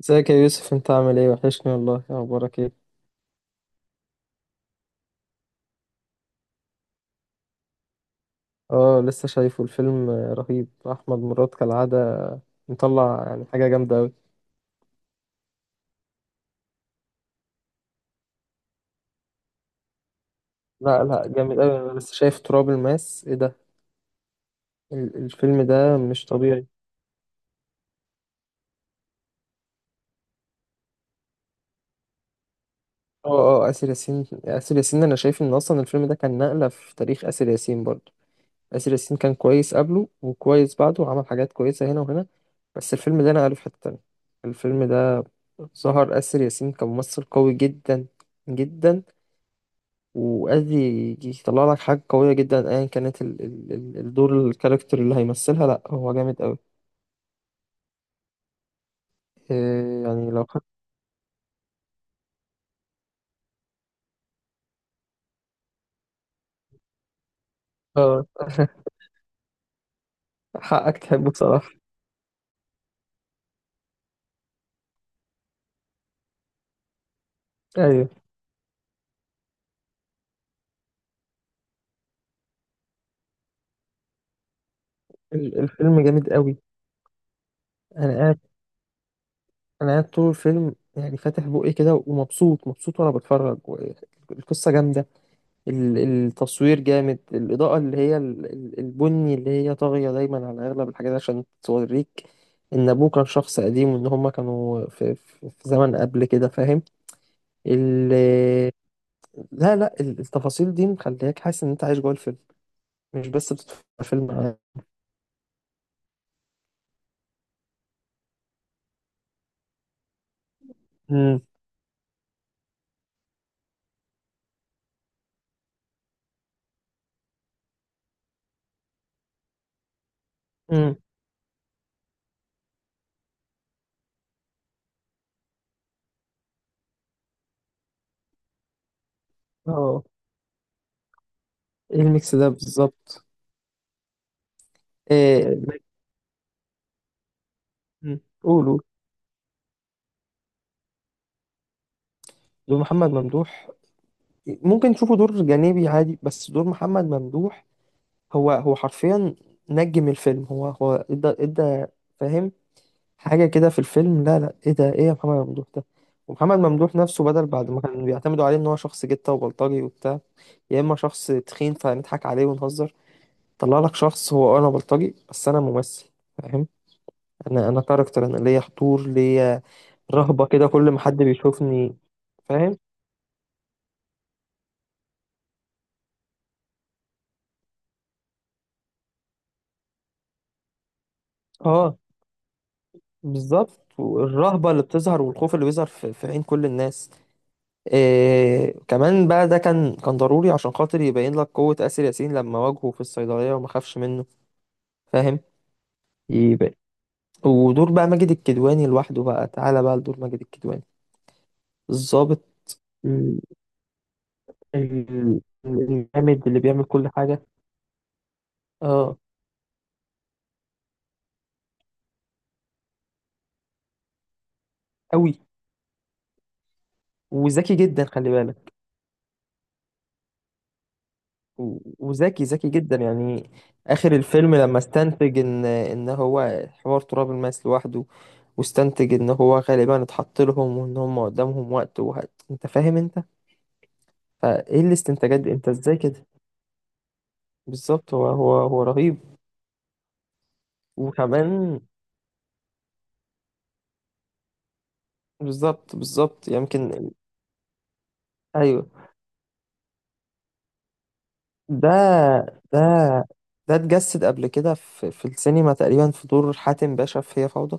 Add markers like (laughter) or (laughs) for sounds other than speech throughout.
ازيك يا يوسف، انت عامل ايه؟ وحشني والله. إيه اخبارك؟ ايه؟ اه لسه شايفه الفيلم. رهيب. احمد مراد كالعاده مطلع يعني حاجه جامده قوي. لا لا، جامد قوي. انا لسه شايف تراب الماس. ايه ده؟ الفيلم ده مش طبيعي. اه اسر ياسين انا شايف ان اصلا الفيلم ده كان نقله في تاريخ اسر ياسين برضه. اسر ياسين كان كويس قبله وكويس بعده وعمل حاجات كويسه هنا وهنا، بس الفيلم ده نقله في حته تانية. الفيلم ده ظهر اسر ياسين كممثل قوي جدا جدا. وقصدي يطلع لك حاجة قوية جدا ايا كانت ال ال ال الدور، الكاركتر اللي هيمثلها، لا هو جامد قوي. إيه يعني لو حق. اه (laughs) حقك تحبه بصراحة. ايوه. الفيلم جامد قوي. انا قاعد انا قاعد طول الفيلم يعني فاتح بقي كده ومبسوط مبسوط وانا بتفرج، و- القصة جامدة. التصوير جامد، الإضاءة اللي هي البني اللي هي طاغية دايما على أغلب الحاجات عشان توريك إن أبوه كان شخص قديم وإن هما كانوا في زمن قبل كده، فاهم؟ ال لا لا، التفاصيل دي مخلياك حاسس ان انت عايش جوه الفيلم، مش بس بتتفرج على فيلم. امم امم. اه، ايه الميكس ده بالظبط؟ إيه؟ قولوا. دور محمد ممدوح. ممكن تشوفه دور جانبي عادي، بس دور محمد ممدوح هو هو حرفيا نجم الفيلم. هو هو ادى، فاهم؟ حاجة كده في الفيلم، لا لا، ايه ده؟ ايه يا محمد ممدوح ده؟ ومحمد ممدوح نفسه بدل بعد ما كان بيعتمدوا عليه ان هو شخص جتة وبلطجي وبتاع، يا اما شخص تخين فنضحك عليه ونهزر، طلع لك شخص هو انا بلطجي بس انا ممثل، فاهم؟ انا كاركتر، انا ليا حضور ليا، رهبة كده كل ما حد بيشوفني، فاهم؟ اه، بالظبط. والرهبة اللي بتظهر والخوف اللي بيظهر في عين كل الناس. إيه كمان بقى، ده كان ضروري عشان خاطر يبين لك قوة آسر ياسين لما واجهه في الصيدلية وما خافش منه، فاهم؟ يبقى ودور بقى ماجد الكدواني لوحده بقى، تعالى بقى لدور ماجد الكدواني، الضابط، الجامد اللي بيعمل كل حاجة. اه قوي، وذكي جدا خلي بالك. و- وذكي جدا يعني. آخر الفيلم لما استنتج إن هو حوار تراب الماس لوحده، واستنتج إن هو غالبا اتحط لهم وإن هم قدامهم وقت، وهت... أنت فاهم أنت؟ فإيه الاستنتاجات دي؟ أنت إزاي كده؟ بالظبط، هو رهيب. وكمان بالظبط بالظبط، يمكن أيوه. ده ده ده اتجسد قبل كده في السينما تقريبا في دور حاتم باشا في هي فوضى،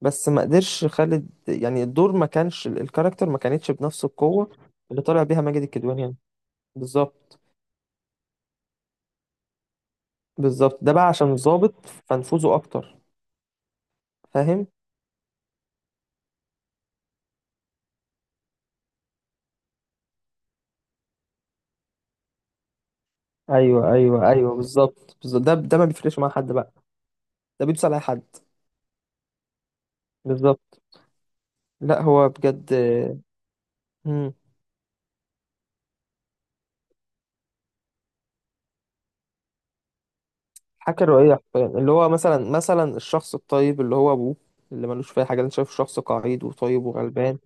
بس ما قدرش خالد يعني الدور ما كانش، الكاركتر ما كانتش بنفس القوة اللي طالع بيها ماجد الكدواني يعني. بالظبط بالظبط، ده بقى عشان ظابط فنفوذه اكتر، فاهم؟ ايوه ايوه ايوه، بالظبط بالظبط. ده ده ما بيفرقش مع حد بقى، ده بيدوس على اي حد. بالظبط. لا هو بجد. مم. حاجة روائية حرفيا، اللي هو مثلا مثلا الشخص الطيب اللي هو أبوه، اللي ملوش في أي حاجة، أنت شايف شخص قعيد وطيب وغلبان.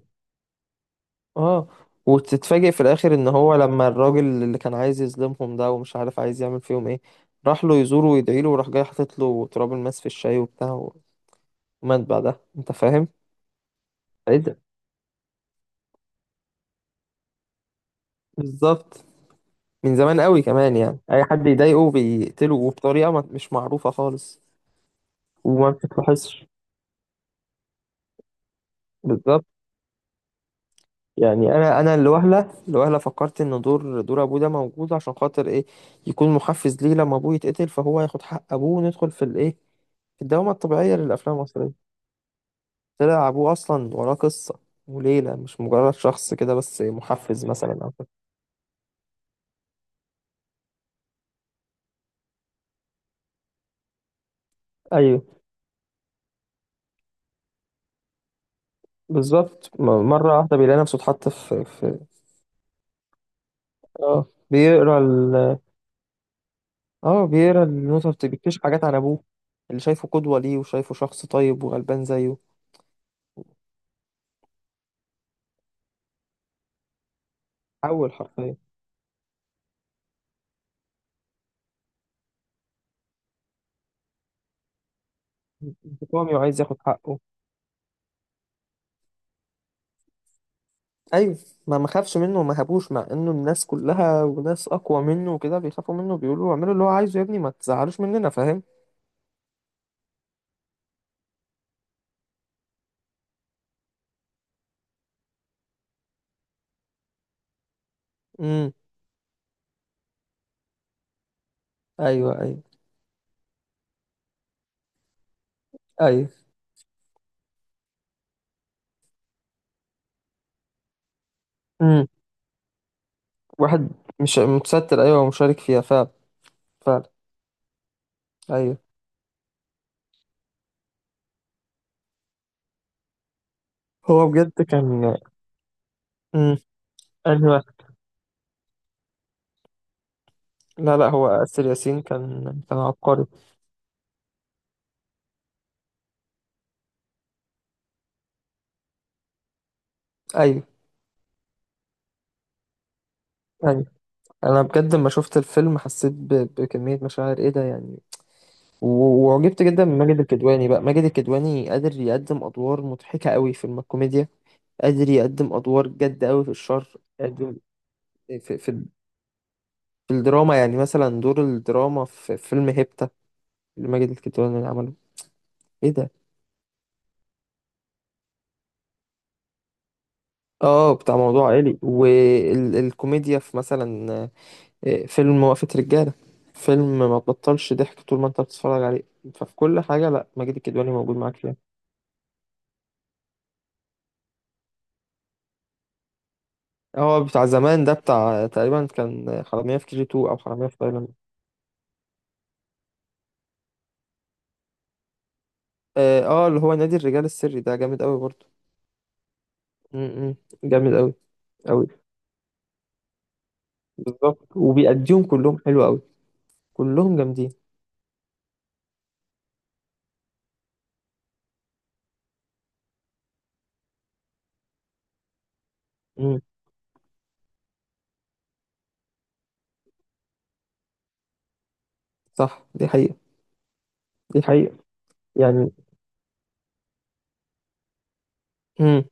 اه، وتتفاجئ في الآخر إن هو لما الراجل اللي كان عايز يظلمهم ده ومش عارف عايز يعمل فيهم إيه، راح له يزوره ويدعي له، وراح جاي حاطط له تراب الماس في الشاي وبتاع، ومات بعدها، أنت فاهم؟ إيه ده؟ بالظبط، من زمان قوي كمان، يعني أي حد يضايقه بيقتله وبطريقة ما- مش معروفة خالص، وما بتتلاحظش. بالظبط. يعني انا الوهله الوهله فكرت ان دور ابوه ده موجود عشان خاطر ايه، يكون محفز ليه لما ابوه يتقتل فهو ياخد حق ابوه، وندخل في الايه، في الدوامه الطبيعيه للافلام المصريه. طلع ابوه اصلا وراه قصه وليله، مش مجرد شخص كده بس محفز مثلا او كده. ايوه، بالظبط. م- مره واحده بيلاقي نفسه اتحط في، اه بيقرا ال، اه بيقرا النوتة، بتكتشف حاجات عن ابوه اللي شايفه قدوه ليه وشايفه شخص طيب وغلبان زيه. حول حرفيا، انتقامي وعايز ياخد حقه. ايوه، ما خافش منه وما هابوش، مع انه الناس كلها وناس اقوى منه وكده بيخافوا منه، بيقولوا له اعملوا اللي هو عايزه يا ابني، ما تزعلوش مننا، فاهم؟ امم ايوه ايوه ايوه. امم واحد، مش متستر، ايوه، ومشارك فيها فعلا. فعلا. ايوه، هو بجد كان. امم ايوه. لا لا، هو آسر ياسين كان كان عبقري. ايوه ايوه. انا بجد لما شفت الفيلم حسيت ب... بكمية مشاعر، ايه ده يعني؟ و- وعجبت جدا من ماجد الكدواني. بقى ماجد الكدواني قادر يقدم ادوار مضحكة قوي في الكوميديا، قادر يقدم ادوار جد قوي في الشر قادم في الدراما. يعني مثلا دور الدراما في فيلم هيبتا اللي ماجد الكدواني اللي عمله، ايه ده! اه، بتاع موضوع عائلي، والكوميديا في مثلا فيلم وقفة رجالة، فيلم ما تبطلش ضحك طول ما انت بتتفرج عليه. ففي كل حاجة لا ماجد الكدواني موجود معاك فيها. هو بتاع زمان ده بتاع تقريبا، كان حرامية في كي جي 2 او حرامية في تايلاند. اه، اللي هو نادي الرجال السري ده جامد قوي برضه. م- م، جامد قوي قوي. بالظبط، وبيأديهم كلهم حلو قوي، كلهم جامدين. امم صح، دي حقيقة. دي حقيقة يعني. امم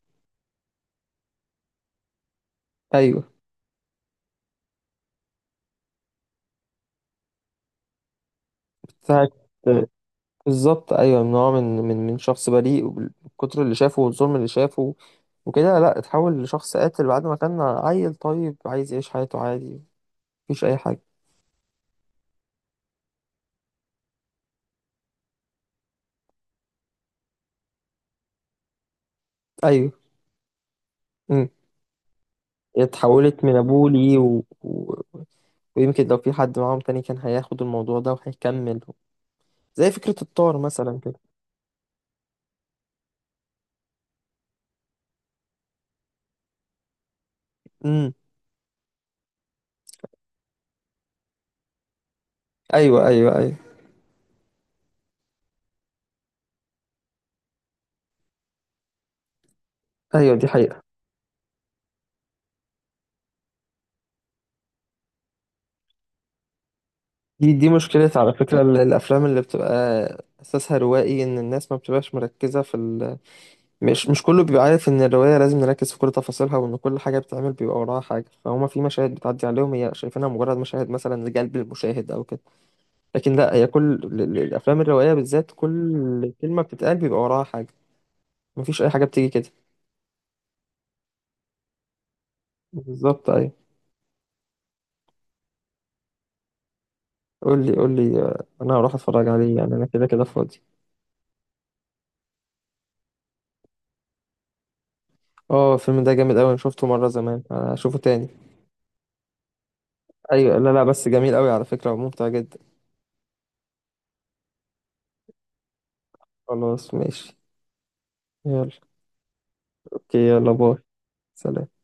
ايوه بتاعت. بالظبط ايوه، نوع من من شخص بريء، وبال- بالكتر اللي شافه والظلم اللي شافه وكده، لا اتحول لشخص قاتل بعد ما كان عيل طيب عايز يعيش حياته عادي، مفيش اي حاجة. ايوه. امم اتحولت من ابوه ليه و... و... ويمكن لو في حد معاهم تاني كان هياخد الموضوع ده وهيكمل، زي فكرة الطار مثلا كده. امم ايوه ايوه ايوه. ايوه، دي حقيقة. دي دي مشكلة على فكرة، الأفلام اللي بتبقى أساسها روائي، إن الناس ما بتبقاش مركزة في ال... مش مش كله بيبقى عارف إن الرواية لازم نركز في كل تفاصيلها، وإن كل حاجة بتتعمل بيبقى وراها حاجة، فهما في مشاهد بتعدي عليهم هي شايفينها مجرد مشاهد مثلا لجلب المشاهد أو كده، لكن لا، هي كل الأفلام الروائية بالذات كل كلمة بتتقال بيبقى وراها حاجة، مفيش أي حاجة بتيجي كده. بالظبط أيوة. قول لي أنا هروح أتفرج عليه يعني، أنا كده كده فاضي. اه، الفيلم ده جامد أوي، أنا شفته مرة زمان، هشوفه تاني. ايوه، لا لا، بس جميل قوي على فكرة وممتع جدا. خلاص ماشي. يلا. اوكي، يلا باي. سلام.